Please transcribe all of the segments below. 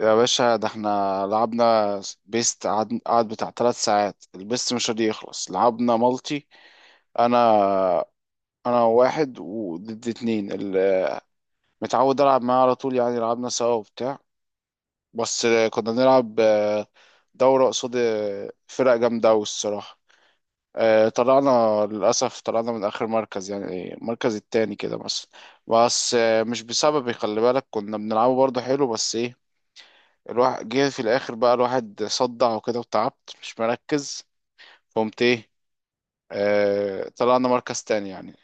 يا باشا ده احنا لعبنا بيست قعد بتاع ثلاث ساعات، البيست مش راضي يخلص. لعبنا مالتي، انا انا واحد وضد اتنين، اللي متعود العب معاه على طول يعني. لعبنا سوا وبتاع، بس كنا بنلعب دورة قصاد فرق جامدة أوي الصراحة. اه، طلعنا، للأسف طلعنا من آخر مركز، يعني المركز التاني كده مثلا. بس مش بسببي، خلي بالك كنا بنلعبه برضه حلو، بس الواحد جه في الاخر بقى، الواحد صدع وكده وتعبت مش مركز، قمت ايه، طلعنا مركز تاني يعني.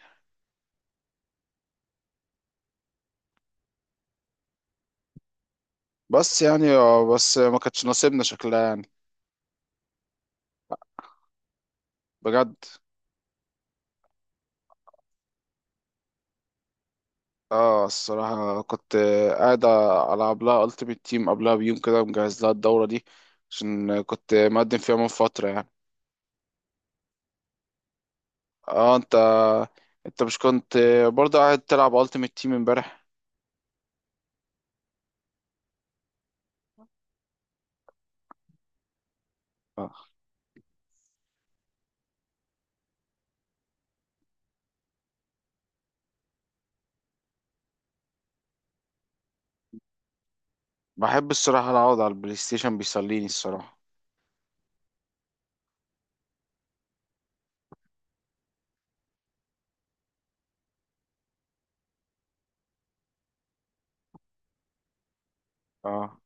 بس يعني بس ما كانتش نصيبنا شكلها يعني. بجد. اه الصراحة كنت قاعد ألعب لها ألتيمت تيم قبلها بيوم كده، مجهز لها الدورة دي، عشان كنت مقدم فيها من فترة يعني. اه، انت مش كنت برضه قاعد تلعب ألتيمت تيم امبارح؟ اه بحب الصراحة أقعد على البلاي ستيشن، بيسليني الصراحة. اه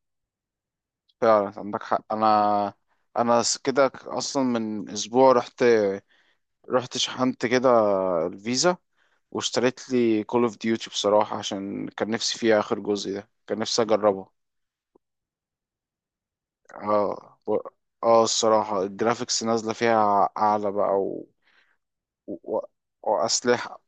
فعلا عندك حق، انا انا س- كده ك- اصلا من اسبوع رحت، شحنت كده الفيزا، واشتريت لي كول اوف ديوتي بصراحة، عشان كان نفسي فيها، اخر جزء ده كان نفسي اجربه. اه و- اه الصراحة الجرافيكس نازلة فيها اعلى بقى، و... واسلحة.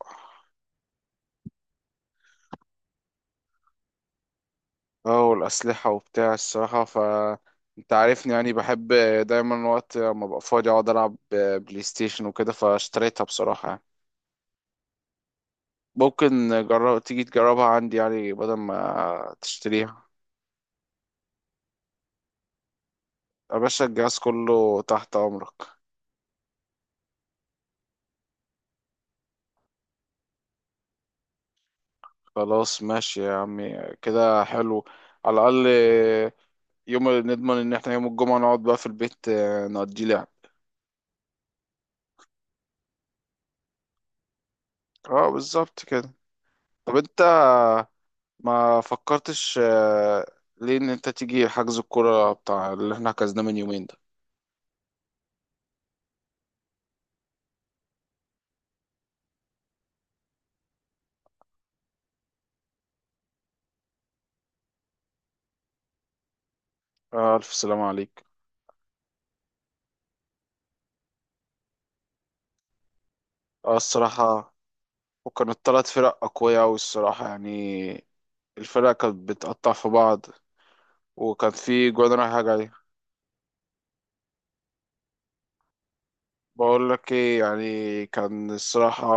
اه والاسلحة وبتاع الصراحة، ف انت عارفني يعني، بحب دايما وقت ما ببقى فاضي اقعد العب بلاي ستيشن وكده، فاشتريتها بصراحة يعني. ممكن جرب تيجي تجربها عندي، يعني بدل ما تشتريها. يا باشا الجهاز كله تحت أمرك. خلاص ماشي يا عمي كده حلو، على الأقل يوم نضمن إن احنا يوم الجمعة نقعد بقى في البيت، نقضي لعب. اه، بالظبط كده. طب انت ما فكرتش، ليه إن انت تيجي حجز الكورة، بتاع اللي احنا حجزناه من يومين ده؟ ألف سلامة عليك. اه الصراحة، وكانت تلات فرق أقوياء أوي الصراحة يعني. الفرقة كانت بتقطع في بعض، وكان في جوان رايحة جاية. بقول لك ايه، يعني كان الصراحة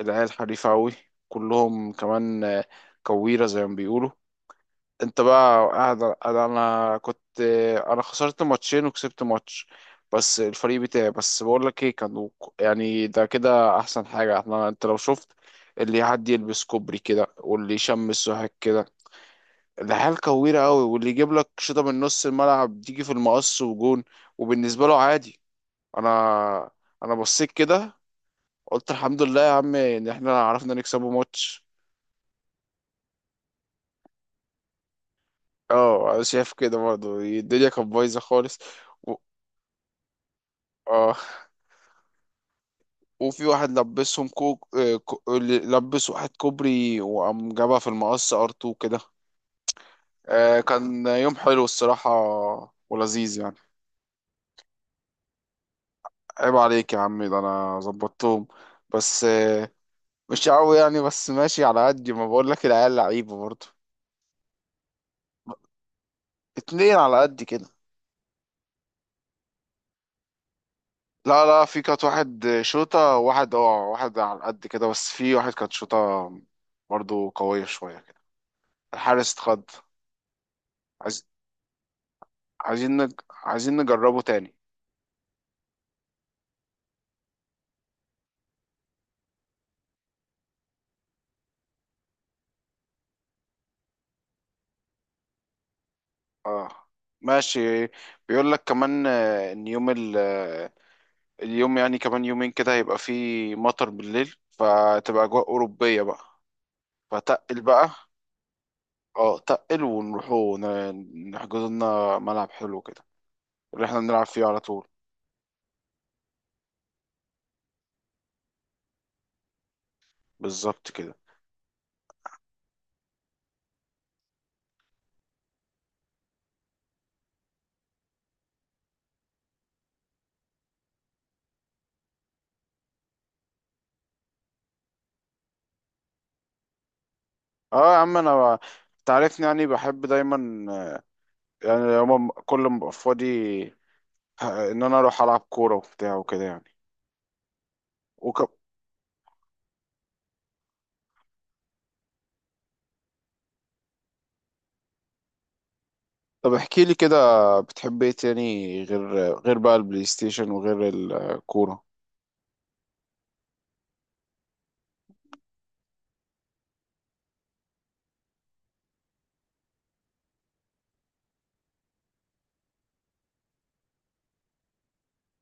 العيال حريفة أوي، كلهم كمان كويرة زي ما بيقولوا. انت بقى قاعد، انا كنت انا خسرت ماتشين وكسبت ماتش، بس الفريق بتاعي. بس بقول لك ايه، كانوا يعني، ده كده احسن حاجة احنا، انت لو شفت اللي حد يلبس كوبري كده، واللي يشمس سوحك كده، ده حال كويرة قوي. واللي يجيب لك شوطة من نص الملعب تيجي في المقص وجون، وبالنسبة له عادي. انا انا بصيت كده قلت الحمد لله يا عم ان احنا عرفنا نكسبه ماتش. اه، انا شايف كده برضه، الدنيا كانت بايظة خالص. و... اه وفي واحد لبسهم كوك، اللي لبس واحد كوبري وقام جابها في المقص ار 2 كده. كان يوم حلو الصراحة ولذيذ يعني. عيب عليك يا عم، ده انا ظبطتهم، بس مش قوي يعني، بس ماشي على قد ما بقول لك، العيال لعيبه برضه. اتنين على قد كده. لا لا، في كانت واحد شوطة، واحد اه واحد على قد كده، بس في واحد كانت شوطة برضه قوية شوية كده. الحارس اتخض. عايز... عايزين نجربه تاني. اه، ماشي. بيقول لك كمان، آه، ان يوم ال... آه، اليوم يعني كمان يومين كده هيبقى فيه مطر بالليل، فتبقى اجواء اوروبية بقى، فتقل بقى. اه، تقل، ونروحوا نحجز لنا ملعب حلو كده، اللي احنا بنلعب فيه على طول. بالظبط كده. اه يا عم، انا تعرفني يعني، بحب دايما يعني يوم كل ما ابقى فاضي ان انا اروح العب كوره وبتاع وكده يعني. وك... طب احكي لي كده، بتحب ايه تاني غير بقى البلاي ستيشن وغير الكوره؟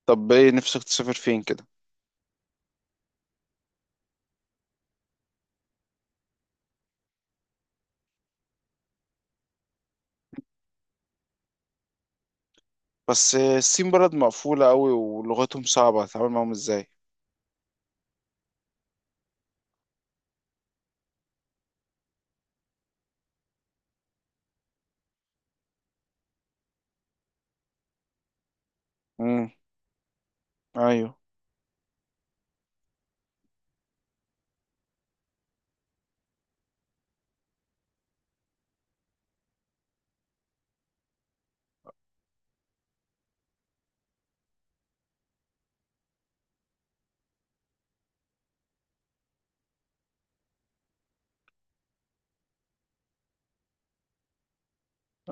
طب ايه نفسك تسافر فين كده؟ بس الصين بلد مقفوله قوي، ولغتهم صعبه، هتتعامل معاهم ازاي؟ امم. ايوه.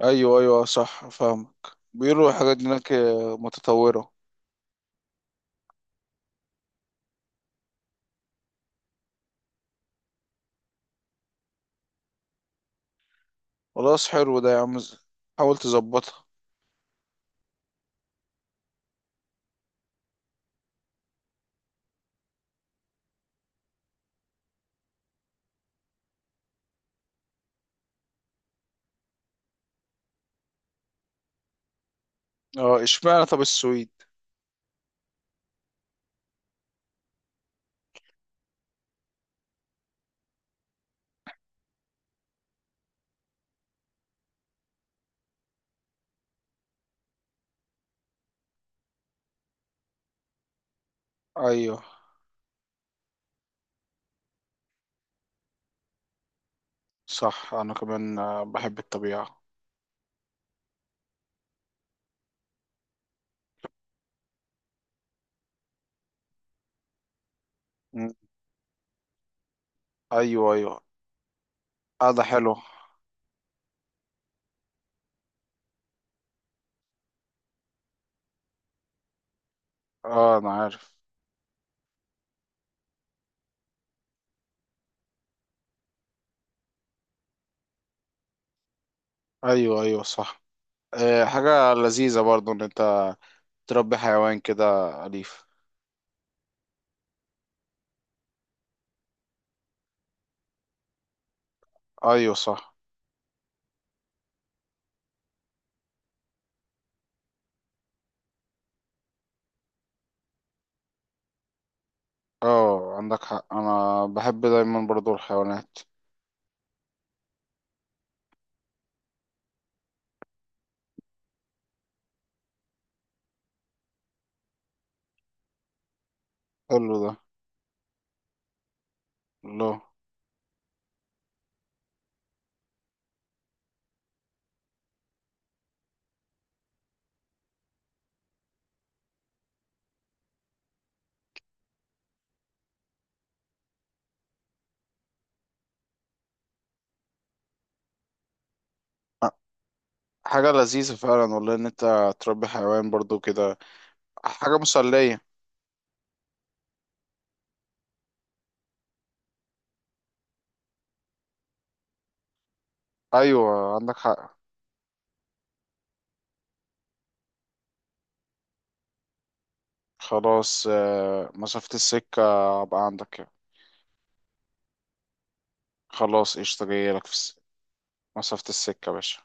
ايوه ايوه، صح، فاهمك. بيقولوا الحاجات دي هناك متطورة. خلاص حلو ده يا عم، حاول تظبطها. اه اشمعنى طب السويد؟ ايوه صح، انا كمان بحب الطبيعة. مم. ايوه ايوه. اه، ده حلو. اه انا عارف. ايوه ايوه صح. آه، حاجة لذيذة برضو ان انت تربي حيوان كده أليف. ايوه صح. اه عندك حق، انا بحب دايما برضو الحيوانات. حلو ده. الله. حاجة لذيذة فعلا والله ان انت تربي حيوان برضو كده، حاجة مسلية. ايوه عندك حق. خلاص مسافة السكة. ابقى عندك. خلاص قشطة، مسافة السكة يا باشا.